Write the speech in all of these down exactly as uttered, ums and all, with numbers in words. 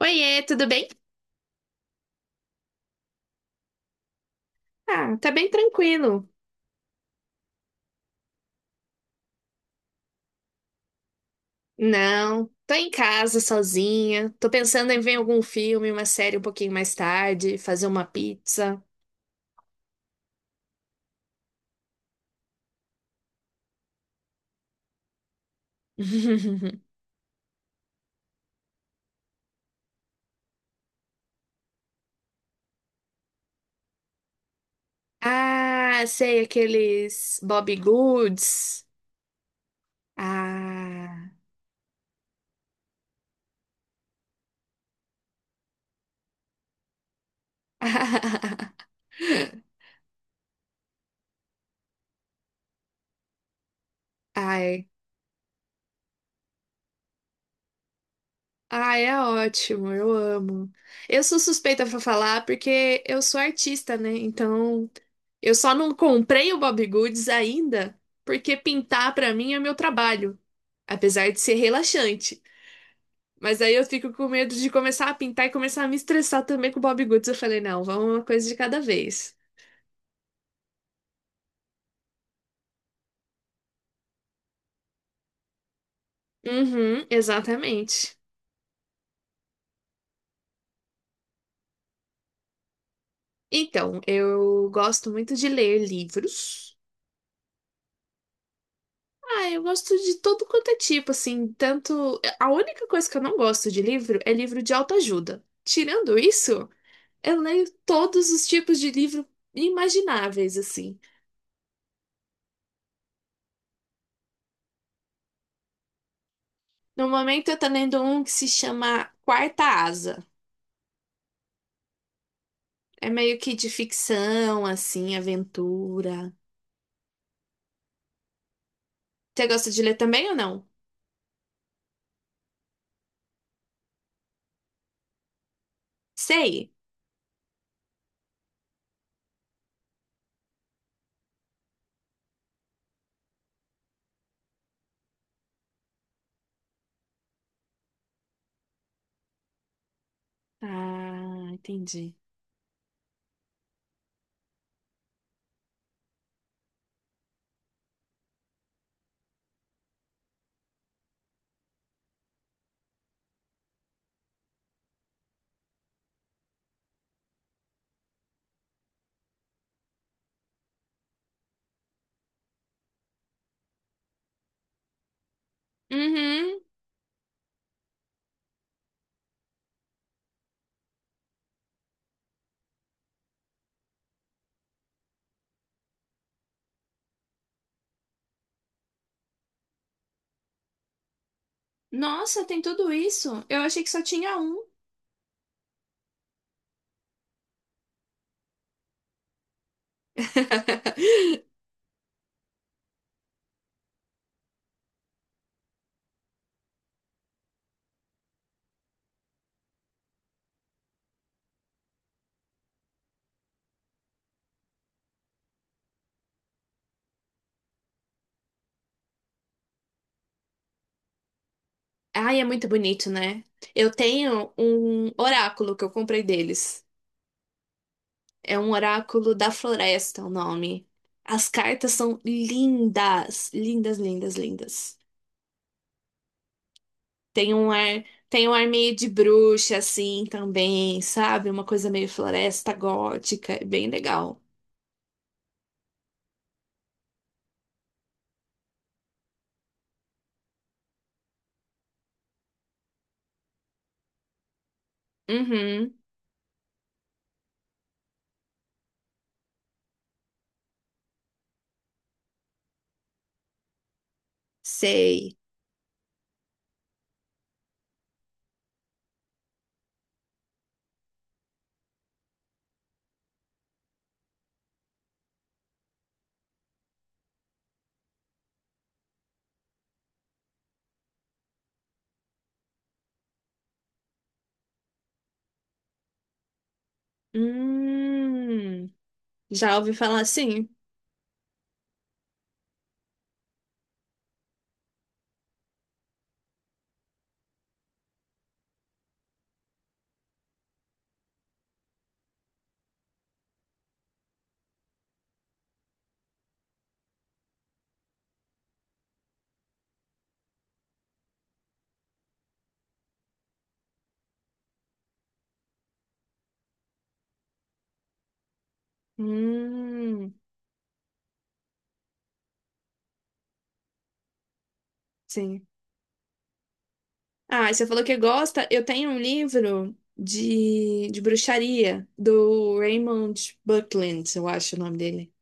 Oiê, tudo bem? Ah, tá bem tranquilo. Não, tô em casa sozinha. Tô pensando em ver algum filme, uma série um pouquinho mais tarde, fazer uma pizza. Ah, sei, aqueles Bobbie Goods. Ah. Ai, ah, é ótimo, eu amo. Eu sou suspeita pra falar porque eu sou artista, né? Então, eu só não comprei o Bob Goods ainda porque pintar pra mim é meu trabalho, apesar de ser relaxante. Mas aí eu fico com medo de começar a pintar e começar a me estressar também com o Bob Goods. Eu falei, não, vamos uma coisa de cada vez. Uhum, exatamente. Então, eu gosto muito de ler livros. Ah, eu gosto de todo quanto é tipo, assim, tanto... A única coisa que eu não gosto de livro é livro de autoajuda. Tirando isso, eu leio todos os tipos de livro imagináveis, assim. No momento eu tô lendo um que se chama Quarta Asa. É meio que de ficção, assim, aventura. Você gosta de ler também ou não? Sei. Ah, entendi. Uhum. Nossa, tem tudo isso? Eu achei que só tinha um. Ai, é muito bonito, né? Eu tenho um oráculo que eu comprei deles. É um oráculo da floresta, o nome. As cartas são lindas, lindas, lindas, lindas. Tem um ar, tem um ar meio de bruxa assim também, sabe? Uma coisa meio floresta gótica, é bem legal. Uhum, sei. Hum, já ouvi falar assim? Hum, sim. Ah, você falou que gosta. Eu tenho um livro de, de bruxaria do Raymond Buckland, eu acho o nome dele,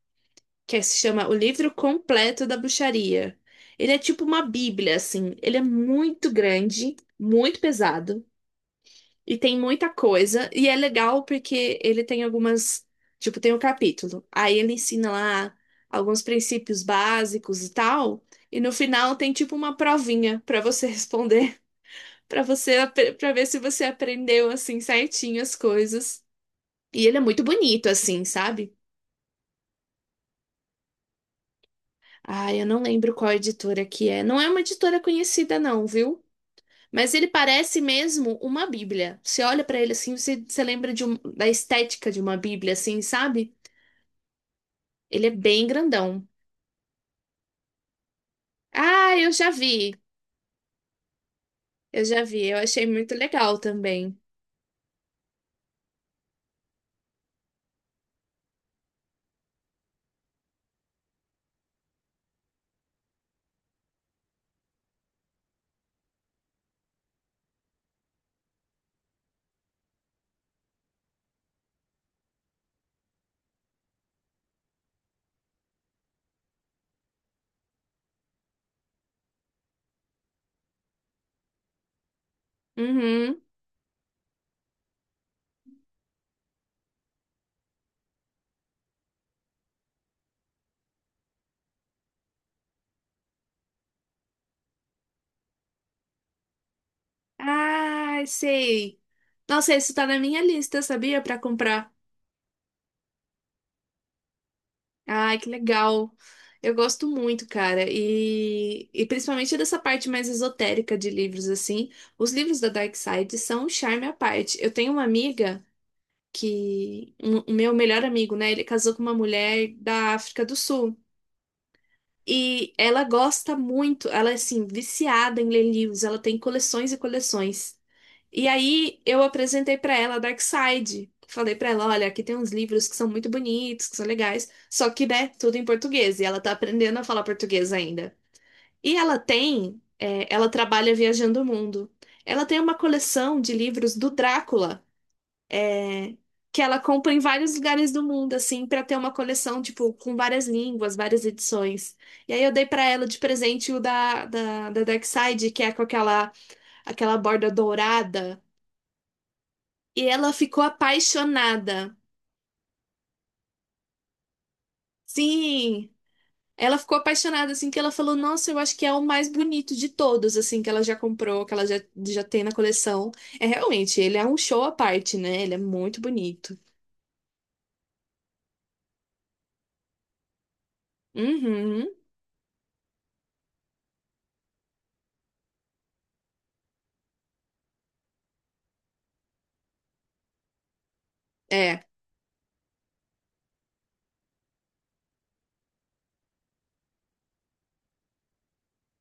que se chama O Livro Completo da Bruxaria. Ele é tipo uma bíblia, assim. Ele é muito grande, muito pesado e tem muita coisa. E é legal porque ele tem algumas, tipo, tem um capítulo. Aí ele ensina lá alguns princípios básicos e tal. E no final tem tipo uma provinha para você responder para você para ver se você aprendeu assim certinho as coisas. E ele é muito bonito assim, sabe? Ah, eu não lembro qual editora que é. Não é uma editora conhecida não, viu? Mas ele parece mesmo uma Bíblia. Você olha para ele assim, você, você lembra de um- da estética de uma Bíblia assim, sabe? Ele é bem grandão. Ah, eu já vi. Eu já vi. Eu achei muito legal também. Uhum. Ah, sei. Nossa, esse tá na minha lista, sabia? Pra comprar. Ai, que legal. Eu gosto muito, cara. E, e principalmente dessa parte mais esotérica de livros, assim. Os livros da Dark Side são um charme à parte. Eu tenho uma amiga que. Um- O meu melhor amigo, né? Ele casou com uma mulher da África do Sul. E ela gosta muito, ela é assim, viciada em ler livros. Ela tem coleções e coleções. E aí eu apresentei pra ela Darkside. Falei pra ela, olha, aqui tem uns livros que são muito bonitos, que são legais, só que, né, tudo em português, e ela tá aprendendo a falar português ainda. E ela tem, é, ela trabalha viajando o mundo. Ela tem uma coleção de livros do Drácula, é, que ela compra em vários lugares do mundo, assim, pra ter uma coleção, tipo, com várias línguas, várias edições. E aí eu dei pra ela de presente o da, da, da Darkside, que é com aquela, aquela borda dourada. E ela ficou apaixonada. Sim, ela ficou apaixonada, assim, que ela falou, nossa, eu acho que é o mais bonito de todos, assim, que ela já comprou, que ela já, já tem na coleção. É realmente, ele é um show à parte, né? Ele é muito bonito. Uhum. É,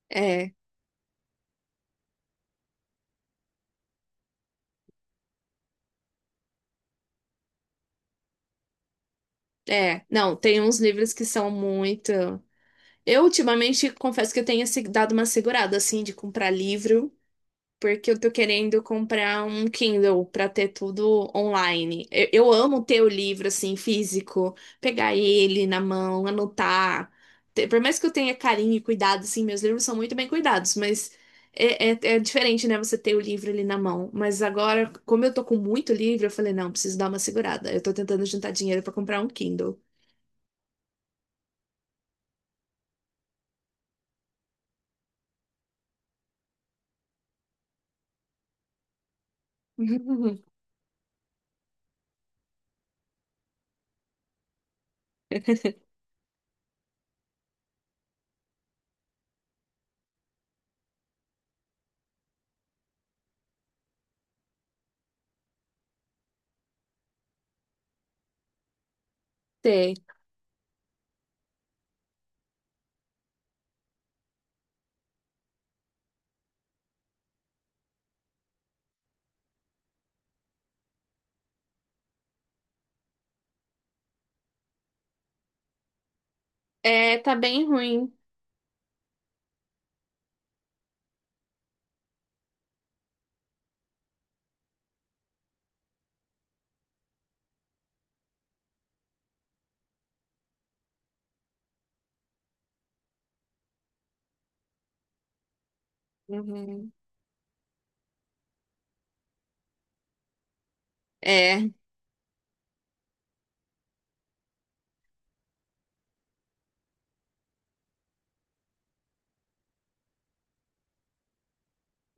é, é. Não, tem uns livros que são muito. Eu ultimamente confesso que eu tenho se- dado uma segurada, assim, de comprar livro. Porque eu tô querendo comprar um Kindle pra ter tudo online. Eu, eu amo ter o livro assim físico, pegar ele na mão, anotar. Te- Por mais que eu tenha carinho e cuidado, assim, meus livros são muito bem cuidados, mas é, é- é diferente, né? Você ter o livro ali na mão. Mas agora, como eu tô com muito livro, eu falei, não, preciso dar uma segurada. Eu tô tentando juntar dinheiro pra comprar um Kindle. Sei. É, tá bem ruim. Uhum. É.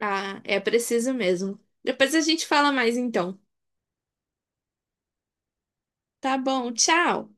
Ah, é preciso mesmo. Depois a gente fala mais então. Tá bom, tchau.